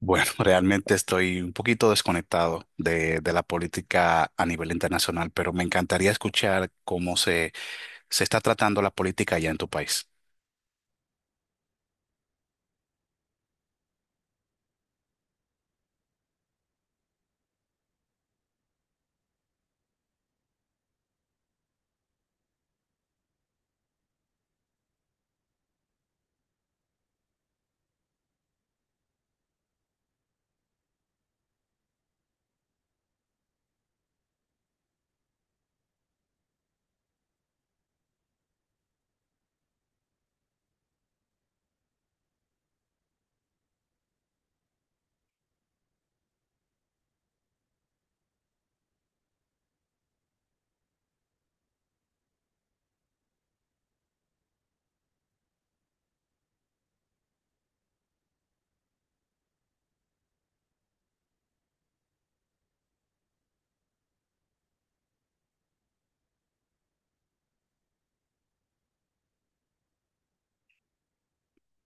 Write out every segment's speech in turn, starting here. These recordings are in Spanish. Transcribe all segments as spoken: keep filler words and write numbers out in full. Bueno, realmente estoy un poquito desconectado de, de la política a nivel internacional, pero me encantaría escuchar cómo se, se está tratando la política allá en tu país.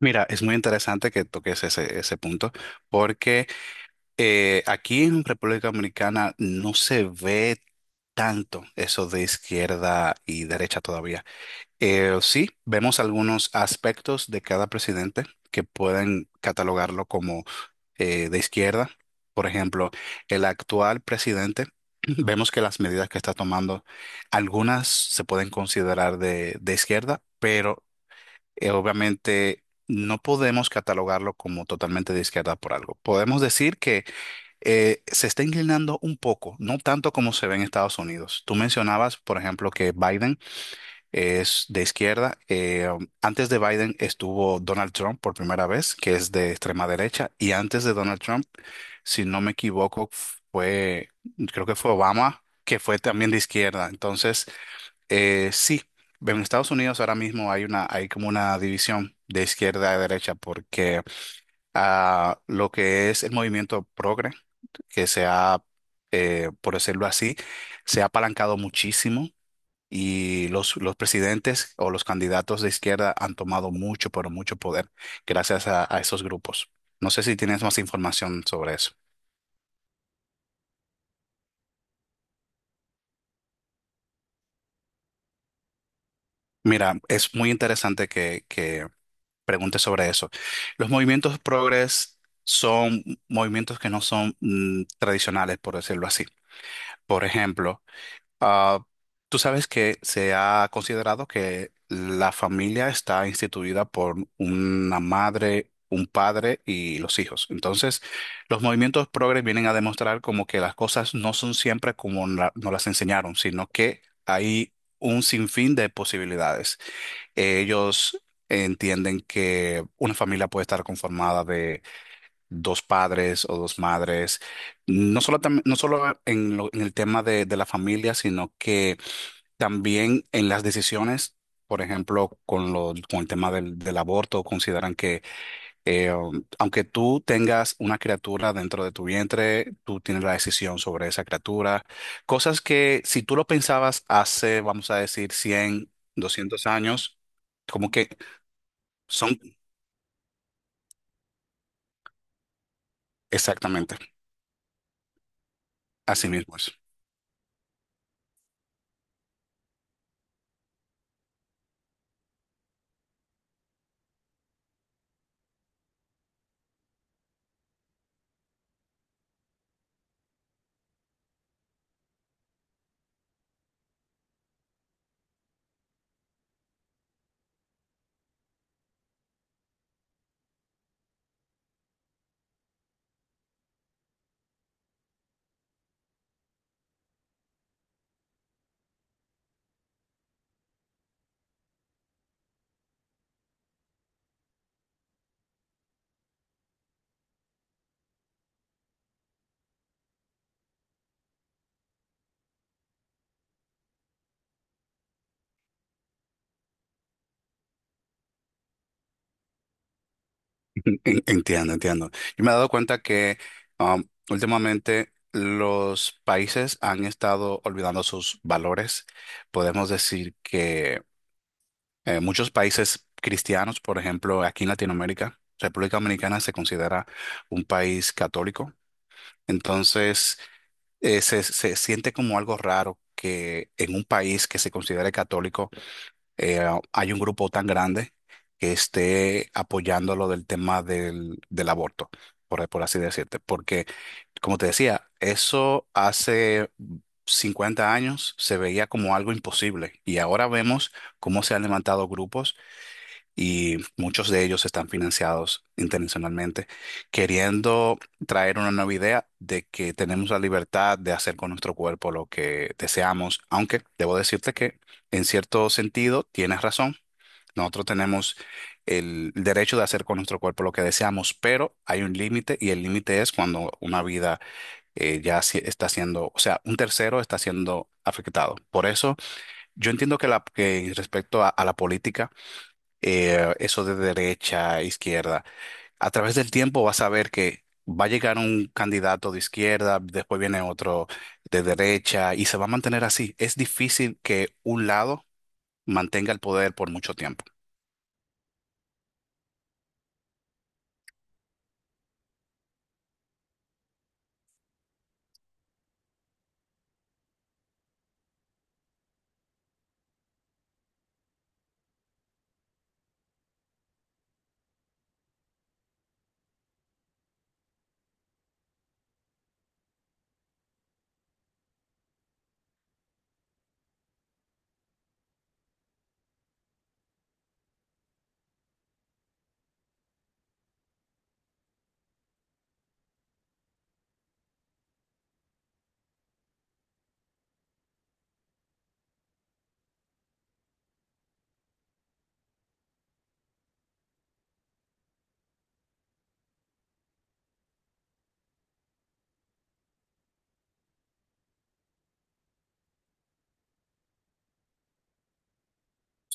Mira, es muy interesante que toques ese, ese punto, porque eh, aquí en República Dominicana no se ve tanto eso de izquierda y derecha todavía. Eh, sí, vemos algunos aspectos de cada presidente que pueden catalogarlo como eh, de izquierda. Por ejemplo, el actual presidente, vemos que las medidas que está tomando, algunas se pueden considerar de, de izquierda, pero eh, obviamente no podemos catalogarlo como totalmente de izquierda por algo. Podemos decir que eh, se está inclinando un poco, no tanto como se ve en Estados Unidos. Tú mencionabas, por ejemplo, que Biden es de izquierda. Eh, um, antes de Biden estuvo Donald Trump por primera vez, que es de extrema derecha, y antes de Donald Trump, si no me equivoco, fue, creo que fue Obama, que fue también de izquierda. Entonces, eh, sí, en Estados Unidos ahora mismo hay una, hay como una división de izquierda a derecha, porque ah, lo que es el movimiento progre, que se ha, eh, por decirlo así, se ha apalancado muchísimo y los, los presidentes o los candidatos de izquierda han tomado mucho, pero mucho poder gracias a, a esos grupos. No sé si tienes más información sobre eso. Mira, es muy interesante que, que preguntes sobre eso. Los movimientos progres son movimientos que no son mm, tradicionales, por decirlo así. Por ejemplo, Ah, tú sabes que se ha considerado que la familia está instituida por una madre, un padre y los hijos. Entonces, los movimientos progres vienen a demostrar como que las cosas no son siempre como la- nos las enseñaron, sino que hay un sinfín de posibilidades. Ellos entienden que una familia puede estar conformada dos padres o dos madres, no solo, tam- no solo en, lo- en el tema de, de la familia, sino que también en las decisiones, por ejemplo, con, lo, con el tema del, del aborto, consideran que eh, um, aunque tú tengas una criatura dentro de tu vientre, tú tienes la decisión sobre esa criatura, cosas que si tú lo pensabas hace, vamos a decir, cien doscientos años, como que son exactamente así mismos. Entiendo, entiendo. Yo me he dado cuenta que um, últimamente los países han estado olvidando sus valores. Podemos decir que eh, muchos países cristianos, por ejemplo, aquí en Latinoamérica, República Dominicana se considera un país católico. Entonces, eh, se, se siente como algo raro que en un país que se considere católico eh, hay un grupo tan grande que esté apoyando lo del tema del, del aborto, por, por así decirte. Porque, como te decía, eso hace cincuenta años se veía como algo imposible y ahora vemos cómo se han levantado grupos y muchos de ellos están financiados internacionalmente, queriendo traer una nueva idea de que tenemos la libertad de hacer con nuestro cuerpo lo que deseamos, aunque debo decirte que en cierto sentido tienes razón. Nosotros tenemos el derecho de hacer con nuestro cuerpo lo que deseamos, pero hay un límite y el límite es cuando una vida eh, ya si- está siendo, o sea, un tercero está siendo afectado. Por eso yo entiendo que, la, que respecto a a la política, eh, eso de derecha, a izquierda. A través del tiempo vas a ver que va a llegar un candidato de izquierda, después viene otro de derecha y se va a mantener así. Es difícil que un lado mantenga el poder por mucho tiempo.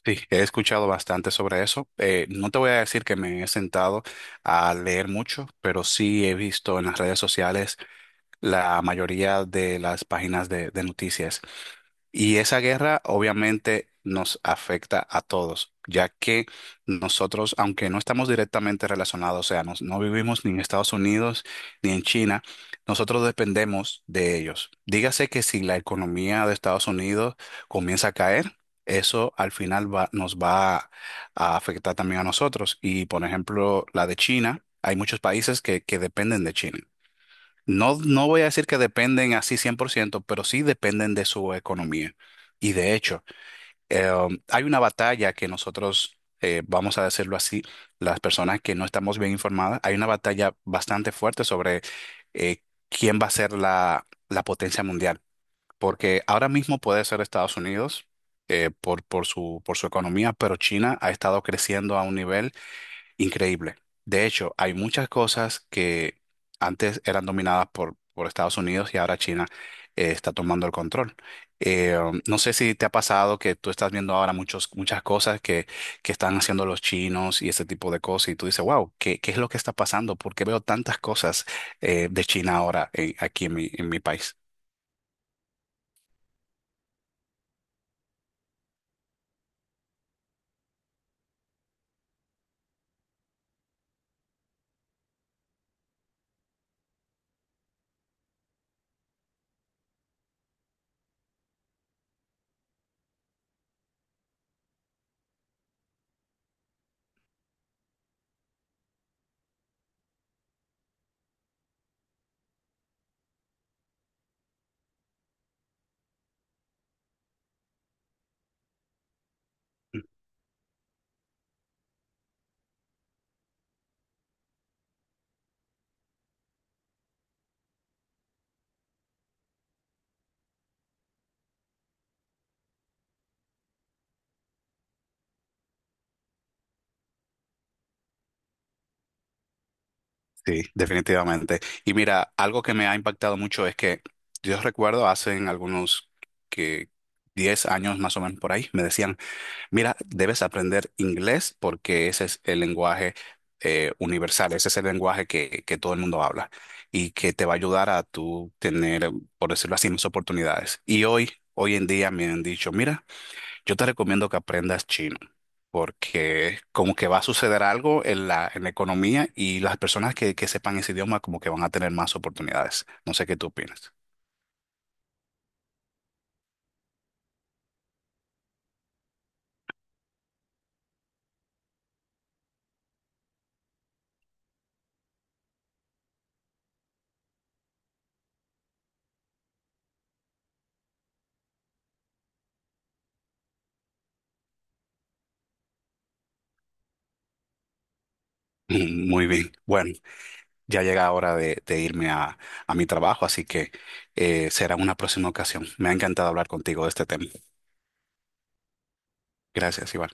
Sí, he escuchado bastante sobre eso. Eh, no te voy a decir que me he sentado a leer mucho, pero sí he visto en las redes sociales la mayoría de las páginas de, de noticias. Y esa guerra obviamente nos afecta a todos, ya que nosotros, aunque no estamos directamente relacionados, o sea, nos- no vivimos ni en Estados Unidos ni en China, nosotros dependemos de ellos. Dígase que si la economía de Estados Unidos comienza a caer, eso al final va- nos va a afectar también a nosotros. Y por ejemplo, la de China, hay muchos países que que dependen de China. No, no voy a decir que dependen así cien por ciento, pero sí dependen de su economía. Y de hecho, eh, um, hay una batalla que nosotros, eh, vamos a decirlo así, las personas que no estamos bien informadas, hay una batalla bastante fuerte sobre eh, quién va a ser la, la potencia mundial. Porque ahora mismo puede ser Estados Unidos eh, por, por su, por su economía, pero China ha estado creciendo a un nivel increíble. De hecho, hay muchas cosas que antes eran dominadas por, por Estados Unidos y ahora China eh, está tomando el control. Eh, um, no sé si te ha pasado que tú estás viendo ahora muchos, muchas cosas que, que están haciendo los chinos y ese tipo de cosas y tú dices, wow, ¿qué, qué es lo que está pasando? ¿Por qué veo tantas cosas eh, de China ahora en- aquí en mi, en mi país? Sí, definitivamente. Y mira, algo que me ha impactado mucho es que yo recuerdo hace en algunos que diez años más o menos por ahí, me decían, mira, debes aprender inglés porque ese es el lenguaje eh, universal, ese es el lenguaje que, que todo el mundo habla y que te va a ayudar a tú tener, por decirlo así, más oportunidades. Y hoy, hoy en día me han dicho, mira, yo te recomiendo que aprendas chino, porque como que va a suceder algo en la, en la economía y las personas que, que sepan ese idioma como que van a tener más oportunidades. No sé qué tú opinas. Muy bien. Bueno, ya llega hora de, de irme a, a mi trabajo, así que eh, será una próxima ocasión. Me ha encantado hablar contigo de este tema. Gracias, Iván.